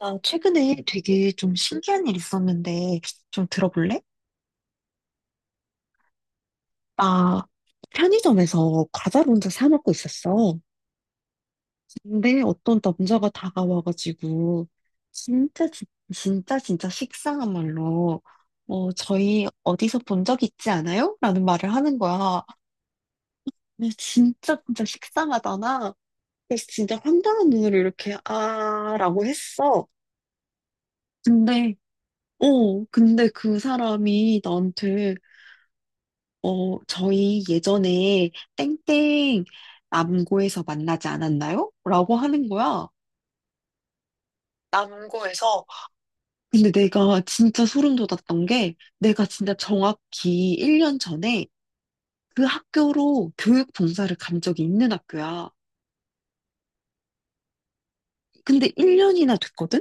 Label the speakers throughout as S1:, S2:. S1: 나 최근에 되게 좀 신기한 일 있었는데 좀 들어볼래? 나 편의점에서 과자를 혼자 사 먹고 있었어. 근데 어떤 남자가 다가와가지고 진짜 진- 진짜 진짜 식상한 말로 저희 어디서 본 적 있지 않아요? 라는 말을 하는 거야. 근데 진짜 진짜 식상하잖아. 그래서 진짜 황당한 눈으로 이렇게 아라고 했어. 근데 근데 그 사람이 나한테 어, 저희 예전에 땡땡 남고에서 만나지 않았나요? 라고 하는 거야. 남고에서. 근데 내가 진짜 소름 돋았던 게 내가 진짜 정확히 1년 전에 그 학교로 교육 봉사를 간 적이 있는 학교야. 근데 1년이나 됐거든?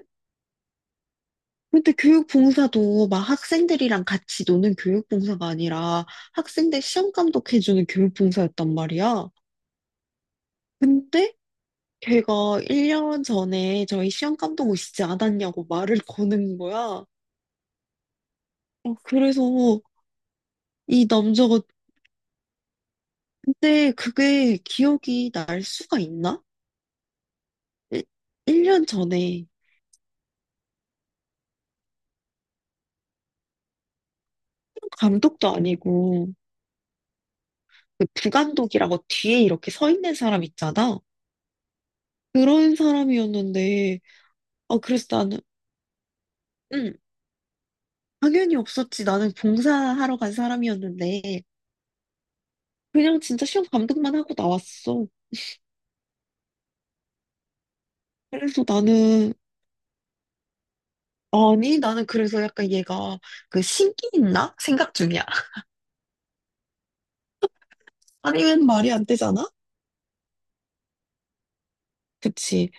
S1: 근데 교육 봉사도 막 학생들이랑 같이 노는 교육 봉사가 아니라 학생들 시험 감독해주는 교육 봉사였단 말이야. 근데 걔가 1년 전에 저희 시험 감독 오시지 않았냐고 말을 거는 거야. 어, 그래서 이 남자가. 근데 그게 기억이 날 수가 있나? 1년 전에. 감독도 아니고 그 부감독이라고 뒤에 이렇게 서 있는 사람 있잖아. 그런 사람이었는데. 아 그래서 나는, 응, 당연히 없었지. 나는 봉사하러 간 사람이었는데 그냥 진짜 시험 감독만 하고 나왔어. 그래서 나는, 아니, 나는 그래서 약간 얘가 그 식이 있나? 생각 중이야. 아니면 말이 안 되잖아? 그치.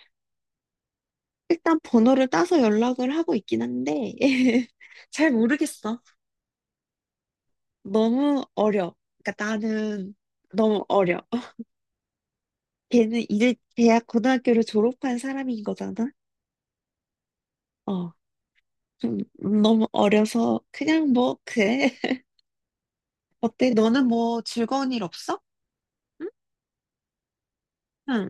S1: 일단 번호를 따서 연락을 하고 있긴 한데, 잘 모르겠어. 너무 어려. 그러니까 나는 너무 어려. 걔는 이제 대학 고등학교를 졸업한 사람인 거잖아? 어. 좀 너무 어려서 그냥 뭐 그래. 어때? 너는 뭐 즐거운 일 없어? 응? 응.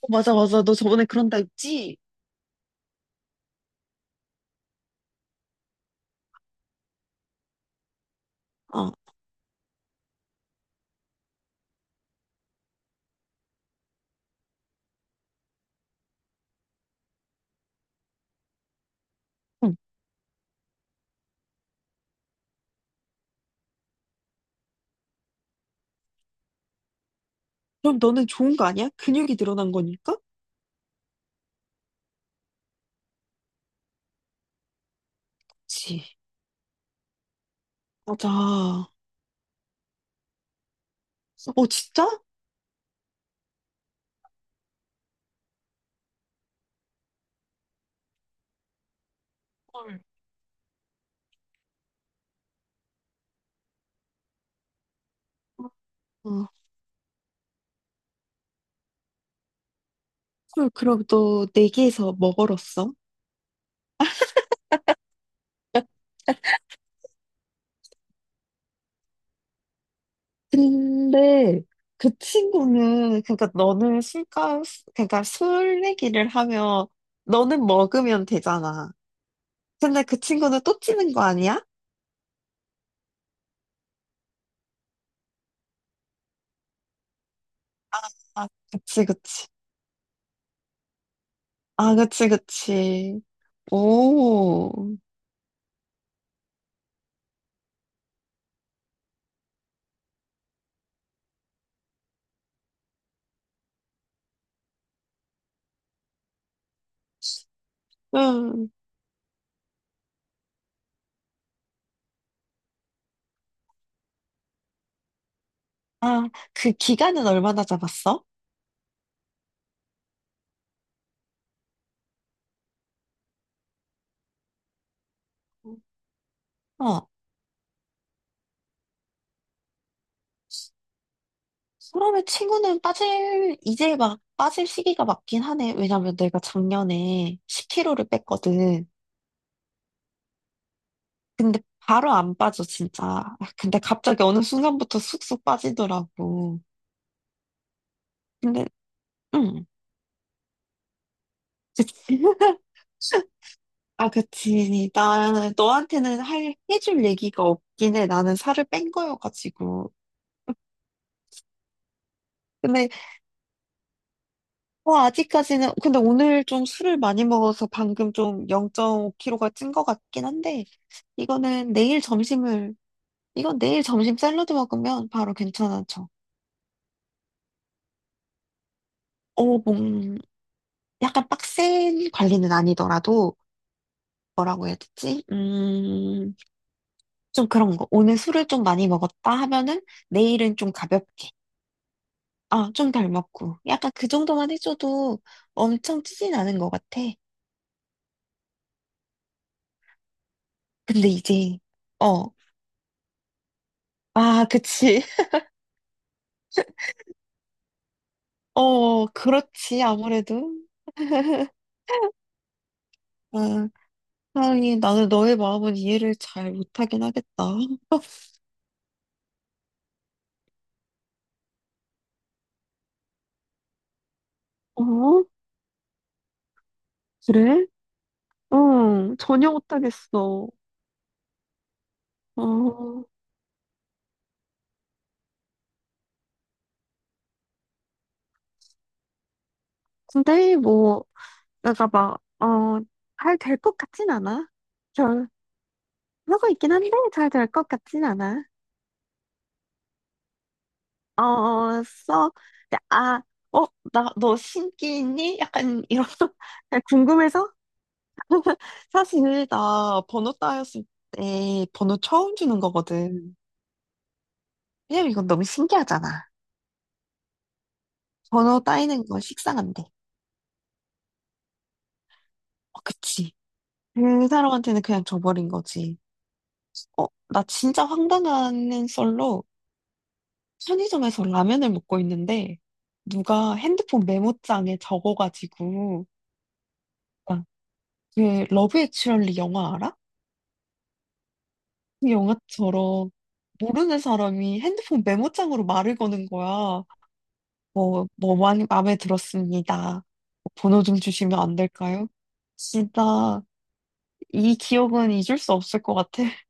S1: 어, 맞아, 맞아. 너 저번에 그런다 했지? 어. 응. 그럼 너는 좋은 거 아니야? 근육이 늘어난 거니까? 그치. 맞아. 어, 진짜? 헐. 어, 헐, 그럼 너 내기에서 뭐 걸었어? 근데 그 친구는, 그러니까 너는 술값, 그러니까 술 내기를 하면 너는 먹으면 되잖아. 근데 그 친구는 또 찌는 거 아니야? 아, 그치 그치. 아 그치 그치. 오. 응. 아 그 기간은 얼마나 잡았어? 어. 사람의 친구는 빠질, 이제 막 빠질 시기가 맞긴 하네. 왜냐면 내가 작년에 10kg를 뺐거든. 근데 바로 안 빠져, 진짜. 아, 근데 갑자기 어느 순간부터 쑥쑥 빠지더라고. 근데, 응. 그치. 아, 그치. 나는 너한테는 할, 해줄 얘기가 없긴 해. 나는 살을 뺀 거여가지고. 근데, 뭐, 아직까지는, 근데 오늘 좀 술을 많이 먹어서 방금 좀 0.5kg가 찐 것 같긴 한데, 이거는 내일 점심을 이건 내일 점심 샐러드 먹으면 바로 괜찮아져. 어, 몸, 약간 빡센 관리는 아니더라도, 뭐라고 해야 되지? 좀 그런 거. 오늘 술을 좀 많이 먹었다 하면은 내일은 좀 가볍게. 아, 좀 덜 먹고. 약간 그 정도만 해줘도 엄청 찌진 않은 것 같아. 근데 이제, 어, 아, 그치. 어, 그렇지. 아무래도. 아, 하긴 나는 너의 마음은 이해를 잘 못하긴 하겠다. 어? 그래? 응, 전혀 못하겠어. 어, 근데 뭐, 내가 막, 어, 잘 될 것 같진 않아. 별, 하고 있긴 한데, 잘 될 것 같진 않아. 어, 써. 근데 아, 어, 나, 너 신기 있니? 약간, 이런, 그냥 궁금해서? 사실, 나 번호 따였을 때 번호 처음 주는 거거든. 왜냐면 이건 너무 신기하잖아. 번호 따이는 건 식상한데. 어, 그치. 그 사람한테는 그냥 줘버린 거지. 어, 나 진짜 황당한 썰로 편의점에서 라면을 먹고 있는데 누가 핸드폰 메모장에 적어가지고, 아, 그 러브 액츄얼리 영화 알아? 그 영화처럼 모르는 사람이 핸드폰 메모장으로 말을 거는 거야. 뭐 많이 마음에 들었습니다. 번호 좀 주시면 안 될까요? 진짜 이 기억은 잊을 수 없을 것 같아.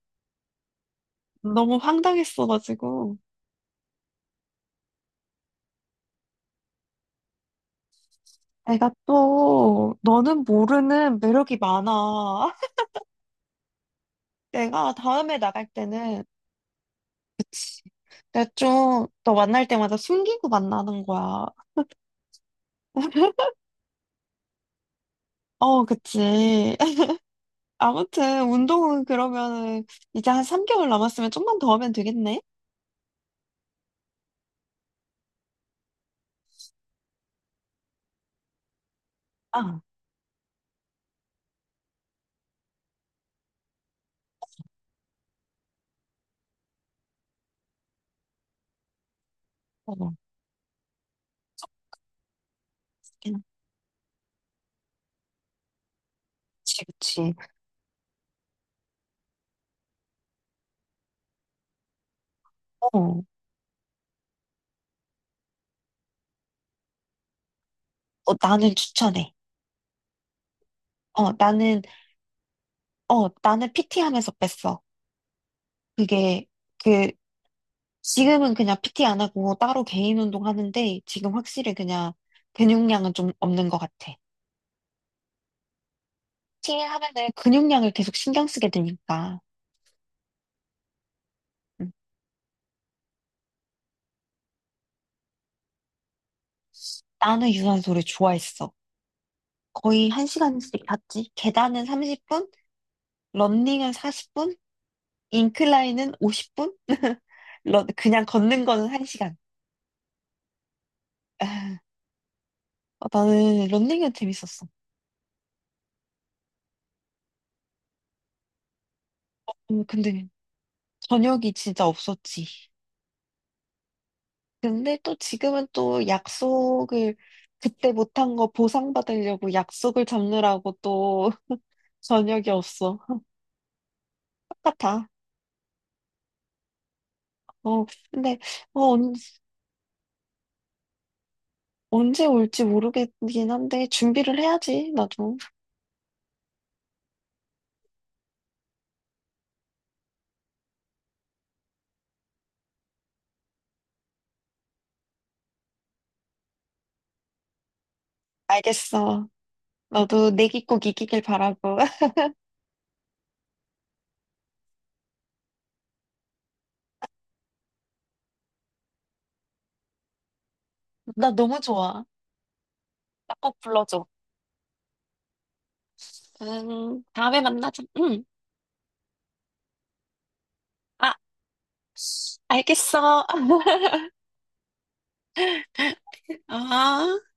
S1: 너무 황당했어가지고. 내가 또 너는 모르는 매력이 많아. 내가 다음에 나갈 때는 내가 좀 너 만날 때마다 숨기고 만나는 거야. 어, 그치. 아무튼 운동은 그러면은 이제 한 3개월 남았으면 좀만 더 하면 되겠네. 아, 어, 그치, 그치. 어, 어, 나는 추천해. 어, 나는, 나는 PT 하면서 뺐어. 그게, 그 지금은 그냥 PT 안 하고 따로 개인 운동 하는데 지금 확실히 그냥 근육량은 좀 없는 것 같아. PT 하면은 근육량을 계속 신경 쓰게 되니까. 음. 나는 유산소를 좋아했어. 거의 한시간씩 갔지. 계단은 30분, 런닝은 40분, 인클라인은 50분, 런, 그냥 걷는 거는 1시간. 아, 나는 런닝은 재밌었어. 근데 저녁이 진짜 없었지. 근데 또 지금은 또 약속을 그때 못한 거 보상받으려고 약속을 잡느라고 또 저녁이 없어. 똑같아. 어, 근데 어, 언, 언제 올지 모르겠긴 한데 준비를 해야지, 나도. 알겠어. 너도 내기 꼭 이기길 바라고. 나 너무 좋아. 나 꼭 불러줘. 다음에 만나자. 응. 아, 알겠어. 아.